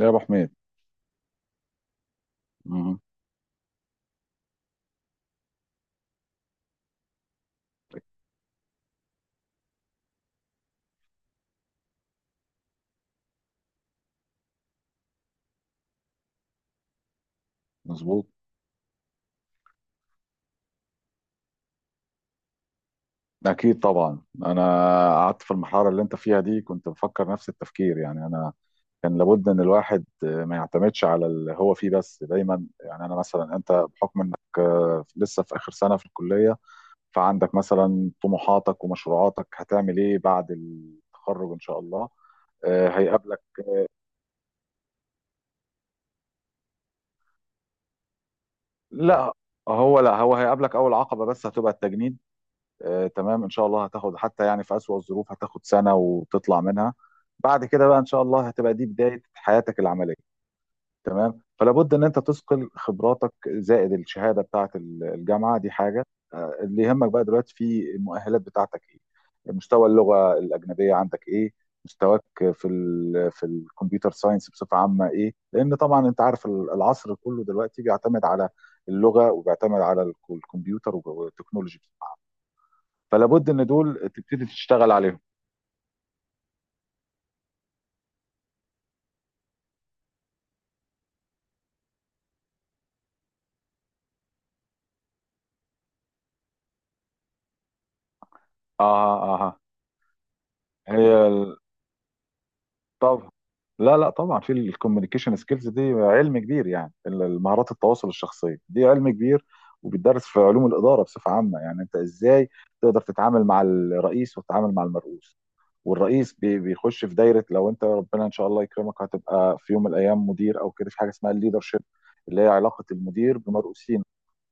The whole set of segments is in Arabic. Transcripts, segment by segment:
يا ابو حميد، مهم. مظبوط. اكيد طبعا انا قعدت في المرحله اللي انت فيها دي، كنت بفكر نفس التفكير. يعني انا كان لابد ان الواحد ما يعتمدش على اللي هو فيه بس، دايما يعني انا مثلا انت بحكم انك لسه في اخر سنه في الكليه، فعندك مثلا طموحاتك ومشروعاتك. هتعمل ايه بعد التخرج ان شاء الله؟ آه، هيقابلك لا هو لا هو هيقابلك اول عقبه، بس هتبقى التجنيد. تمام، ان شاء الله هتاخد، حتى يعني في اسوأ الظروف، هتاخد سنه وتطلع منها. بعد كده بقى ان شاء الله هتبقى دي بدايه حياتك العمليه. تمام، فلا بد ان انت تثقل خبراتك زائد الشهاده بتاعه الجامعه دي حاجه. اللي يهمك بقى دلوقتي في المؤهلات بتاعتك ايه؟ مستوى اللغه الاجنبيه عندك ايه؟ مستواك في الكمبيوتر ساينس بصفه عامه ايه؟ لان طبعا انت عارف العصر كله دلوقتي بيعتمد على اللغه، وبيعتمد على الكمبيوتر والتكنولوجي، فلا بد ان دول تبتدي تشتغل عليهم. اه. هي ال- طب لا، طبعا في الكوميونيكيشن سكيلز دي علم كبير. يعني مهارات التواصل الشخصيه دي علم كبير، وبيدرس في علوم الاداره بصفه عامه. يعني انت ازاي تقدر تتعامل مع الرئيس وتتعامل مع المرؤوس، والرئيس بيخش في دايره. لو انت ربنا ان شاء الله يكرمك هتبقى في يوم من الايام مدير او كده، في حاجه اسمها الليدر شيب، اللي هي علاقه المدير بمرؤوسين،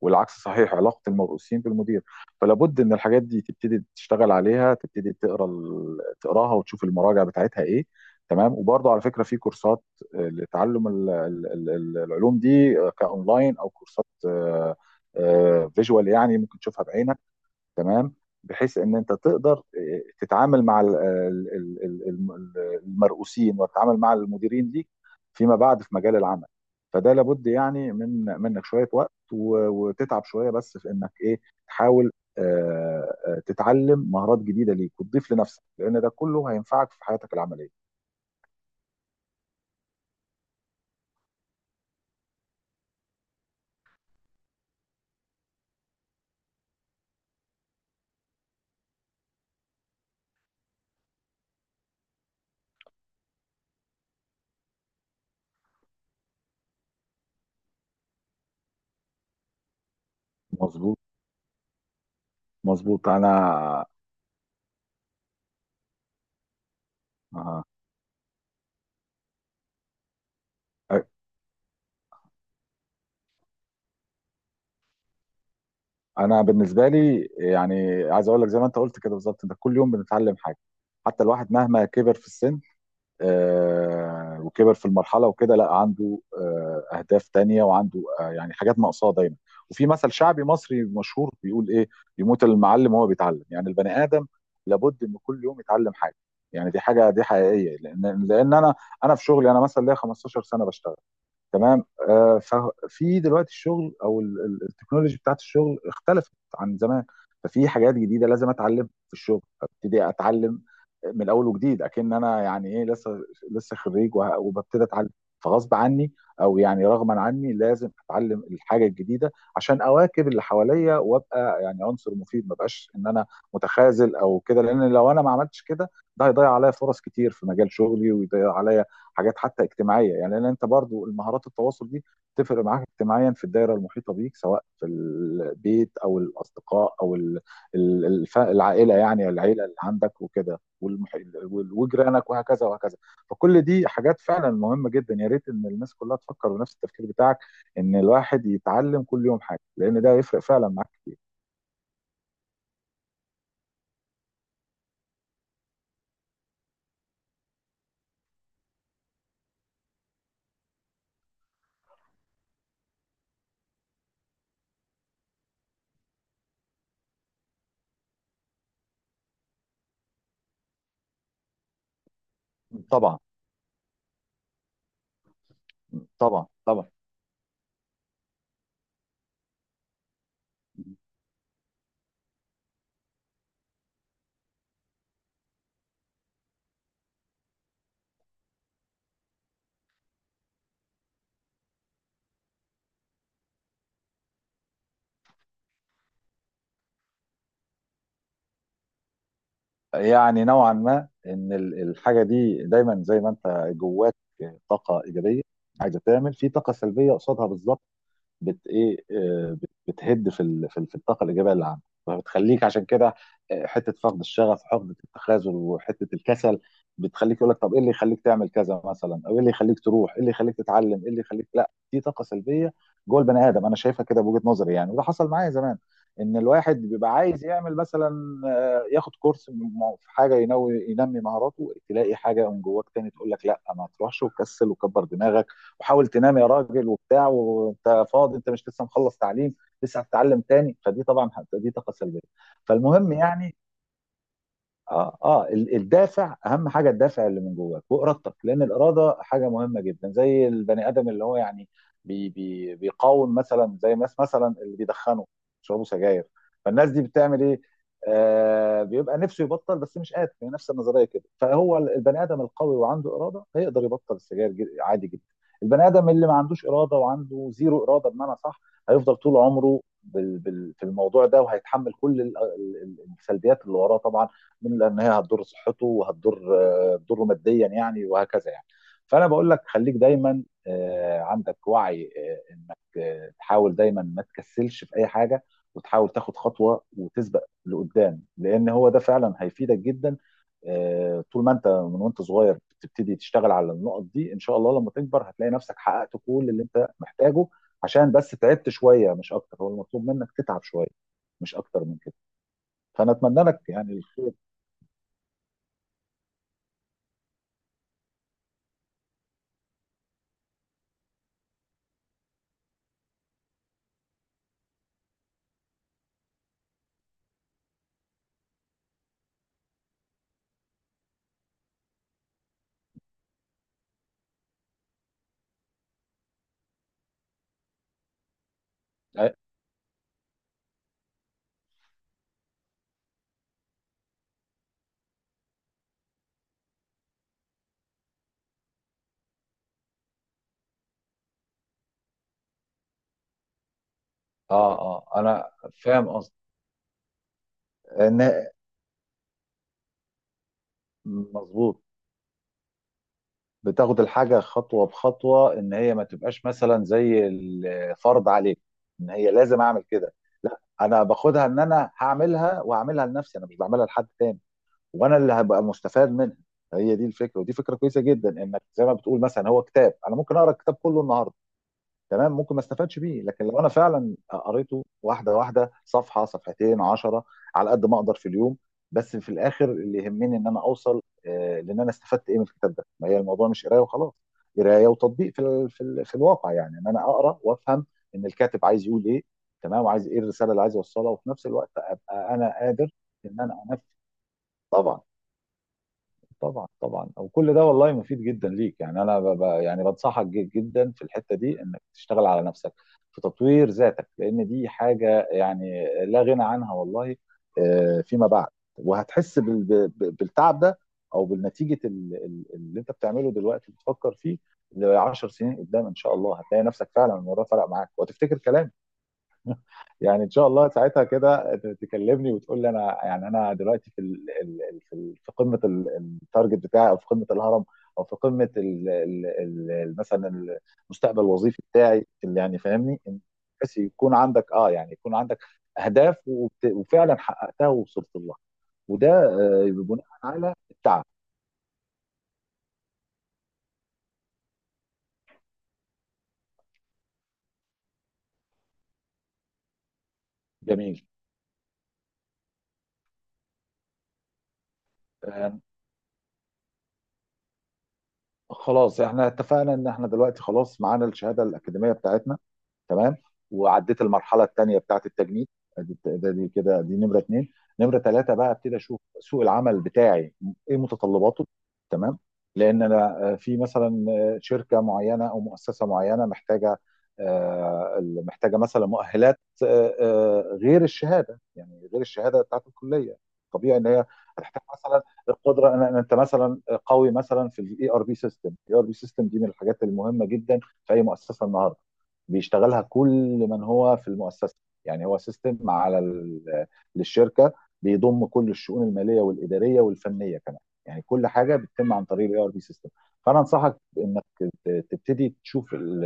والعكس صحيح علاقه المرؤوسين بالمدير. فلا بد ان الحاجات دي تبتدي تشتغل عليها، تبتدي تقرا تقراها وتشوف المراجع بتاعتها ايه. تمام، وبرضه على فكره في كورسات لتعلم العلوم دي، كاونلاين او كورسات فيجوال، يعني ممكن تشوفها بعينك. تمام، بحيث ان انت تقدر تتعامل مع المرؤوسين وتتعامل مع المديرين ليك فيما بعد في مجال العمل. فده لابد يعني منك شويه وقت وتتعب شويه، بس في انك ايه، تحاول تتعلم مهارات جديده ليك وتضيف لنفسك، لان ده كله هينفعك في حياتك العمليه. مظبوط. مظبوط انا آه. انا بالنسبه لي يعني عايز اقول لك زي ما انت قلت كده بالظبط، انت كل يوم بنتعلم حاجه. حتى الواحد مهما كبر في السن وكبر في المرحله وكده، لا، عنده اهداف تانية، وعنده يعني حاجات ناقصاه دايما. وفي مثل شعبي مصري مشهور بيقول ايه: يموت المعلم وهو بيتعلم. يعني البني ادم لابد ان كل يوم يتعلم حاجه. يعني دي حاجه دي حقيقيه، لان انا في شغلي انا مثلا ليا 15 سنه بشتغل. تمام، ففي دلوقتي الشغل او التكنولوجي بتاعت الشغل اختلفت عن زمان. ففي حاجات جديده لازم اتعلم في الشغل، ابتدي اتعلم من الاول وجديد، اكن انا يعني ايه، لسه خريج وببتدي اتعلم. فغصب عني او يعني رغما عني لازم اتعلم الحاجه الجديده، عشان اواكب اللي حواليا وابقى يعني عنصر مفيد، ما بقاش ان انا متخاذل او كده. لان لو انا ما عملتش كده، ده هيضيع عليا فرص كتير في مجال شغلي، ويضيع عليا حاجات حتى اجتماعيه. يعني لان انت برضو المهارات التواصل دي تفرق معاك اجتماعيا في الدايره المحيطه بيك، سواء في البيت او الاصدقاء او العائله، يعني العيله اللي عندك وكده، وجيرانك وهكذا وهكذا. فكل دي حاجات فعلا مهمه جدا. يا ريت ان الناس كلها تفكر بنفس التفكير بتاعك، ان الواحد يتعلم كل يوم حاجه، لان ده يفرق فعلا معاك كتير. طبعا، طبعا، طبعا. يعني نوعا ما ان الحاجه دي دايما، زي ما انت جواك طاقه ايجابيه، عايزه تعمل في طاقه سلبيه قصادها بالظبط، بت ايه آه، بت- بتهد في الطاقه الايجابيه اللي عندك، فبتخليك عشان كده حته فقد الشغف وحقد التخاذل وحته الكسل، بتخليك يقول لك طب ايه اللي يخليك تعمل كذا مثلا، او ايه اللي يخليك تروح، ايه اللي يخليك تتعلم، ايه اللي يخليك. لا، دي طاقه سلبيه جوه البني ادم، انا شايفها كده بوجهه نظري. يعني وده حصل معايا زمان، ان الواحد بيبقى عايز يعمل مثلا، ياخد كورس في حاجه ينوي ينمي مهاراته، تلاقي حاجه من جواك تاني تقول لك لا ما تروحش، وكسل وكبر دماغك وحاول تنام يا راجل وبتاع، وانت فاضي، انت مش لسه مخلص تعليم، لسه هتتعلم تاني. فدي طبعا دي طاقه سلبيه. فالمهم يعني، الدافع اهم حاجه، الدافع اللي من جواك وارادتك، لان الاراده حاجه مهمه جدا. زي البني ادم اللي هو يعني بي بي بيقاوم مثلا، زي الناس مثلا اللي بيدخنوا، بيشربوا سجاير، فالناس دي بتعمل ايه؟ آه، بيبقى نفسه يبطل بس مش قادر. هي نفس النظريه كده، فهو البني ادم القوي وعنده اراده هيقدر يبطل السجاير، عادي جدا. البني ادم اللي ما عندوش اراده وعنده زيرو اراده بمعنى صح، هيفضل طول عمره بال في الموضوع ده، وهيتحمل كل السلبيات اللي وراه طبعا، من، لان هي هتضر صحته وهتضر هتضره ماديا يعني وهكذا يعني. فانا بقول لك خليك دايما عندك وعي انك تحاول دايما ما تكسلش في اي حاجه، وتحاول تاخد خطوه وتسبق لقدام، لان هو ده فعلا هيفيدك جدا. طول ما انت من وانت صغير بتبتدي تشتغل على النقط دي، ان شاء الله لما تكبر هتلاقي نفسك حققت كل اللي انت محتاجه، عشان بس تعبت شويه، مش اكتر. هو المطلوب منك تتعب شويه، مش اكتر من كده. فانا اتمنى لك يعني الخير. اه انا فاهم قصدي ان مظبوط، بتاخد الحاجه خطوه بخطوه، ان هي ما تبقاش مثلا زي الفرض عليك ان هي لازم اعمل كده. لا، انا باخدها ان انا هعملها، وهعملها لنفسي، انا مش بعملها لحد تاني، وانا اللي هبقى مستفاد منها. هي دي الفكره، ودي فكره كويسه جدا، انك زي ما بتقول مثلا هو كتاب، انا ممكن اقرا الكتاب كله النهارده، تمام، ممكن ما استفادش بيه، لكن لو انا فعلا قريته واحده واحده، صفحه صفحتين عشرة، على قد ما اقدر في اليوم. بس في الاخر اللي يهمني ان انا اوصل، لان انا استفدت ايه من الكتاب ده. ما هي الموضوع مش قرايه وخلاص، قرايه وتطبيق في الواقع. يعني ان انا اقرا وافهم ان الكاتب عايز يقول ايه، تمام، وعايز ايه الرساله اللي عايز يوصلها، وفي نفس الوقت ابقى انا قادر ان انا انفذ. طبعا طبعا طبعا. وكل ده والله مفيد جدا ليك. يعني يعني بنصحك جدا في الحته دي انك تشتغل على نفسك في تطوير ذاتك، لان دي حاجه يعني لا غنى عنها والله فيما بعد. وهتحس بالتعب ده، او بالنتيجه اللي انت بتعمله دلوقتي بتفكر فيه ل 10 سنين قدام، ان شاء الله هتلاقي نفسك فعلا الموضوع فرق معاك، وهتفتكر كلامي. يعني ان شاء الله ساعتها كده تكلمني وتقول لي انا يعني انا دلوقتي في قمه التارجت بتاعي، او في قمه الهرم، او في قمه ال ال ال مثلا المستقبل الوظيفي بتاعي، اللي يعني فاهمني. بس يكون عندك اه، يعني يكون عندك اهداف، وفعلا حققتها ووصلت لها. وده بناء على التعب. جميل. آه، خلاص احنا اتفقنا ان احنا دلوقتي خلاص معانا الشهاده الاكاديميه بتاعتنا. تمام، وعديت المرحله الثانيه بتاعت التجنيد. ادي ده دي كده دي نمره اثنين. نمره ثلاثه بقى، ابتدي اشوف سوق العمل بتاعي ايه متطلباته. تمام، لان انا في مثلا شركه معينه او مؤسسه معينه محتاجه محتاجه مثلا مؤهلات غير الشهاده، يعني غير الشهاده بتاعت الكليه. طبيعي ان هي هتحتاج مثلا القدره ان انت مثلا قوي مثلا في الاي ار بي سيستم. الاي ار بي سيستم دي من الحاجات المهمه جدا في اي مؤسسه النهارده، بيشتغلها كل من هو في المؤسسه. يعني هو سيستم على للشركه، بيضم كل الشؤون الماليه والاداريه والفنيه كمان. يعني كل حاجه بتتم عن طريق الاي ار بي سيستم. فانا انصحك انك تبتدي تشوف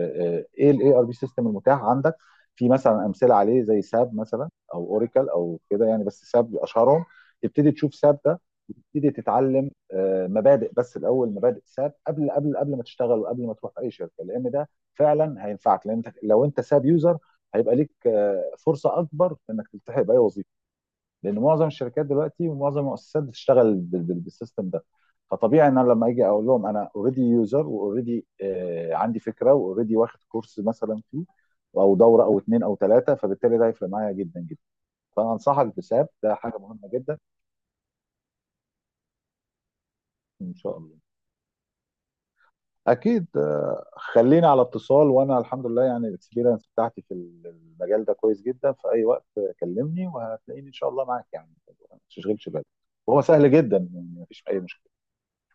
ايه الاي ار بي سيستم المتاح عندك. في مثلا امثله عليه زي ساب مثلا، او اوراكل او كده، يعني بس ساب اشهرهم. تبتدي تشوف ساب ده، وتبتدي تتعلم مبادئ، بس الاول مبادئ ساب، قبل قبل ما تشتغل وقبل ما تروح اي شركه، لان ده فعلا هينفعك. لان انت لو انت ساب يوزر، هيبقى ليك فرصه اكبر في انك تلتحق باي وظيفه، لان معظم الشركات دلوقتي ومعظم المؤسسات بتشتغل بالسيستم ده. فطبيعي ان انا لما اجي اقول لهم انا اوريدي يوزر، واوريدي عندي فكره، واوريدي واخد كورس مثلا فيه، او دوره او اتنين او تلاته، فبالتالي ده هيفرق معايا جدا جدا. فانا انصحك بساب ده حاجه مهمه جدا. ان شاء الله. اكيد، خليني على اتصال، وانا الحمد لله يعني الاكسبيرينس بتاعتي في المجال ده كويس جدا. في اي وقت كلمني وهتلاقيني ان شاء الله معاك، يعني ما تشغلش بالك. وهو سهل جدا، يعني مفيش اي مشكله.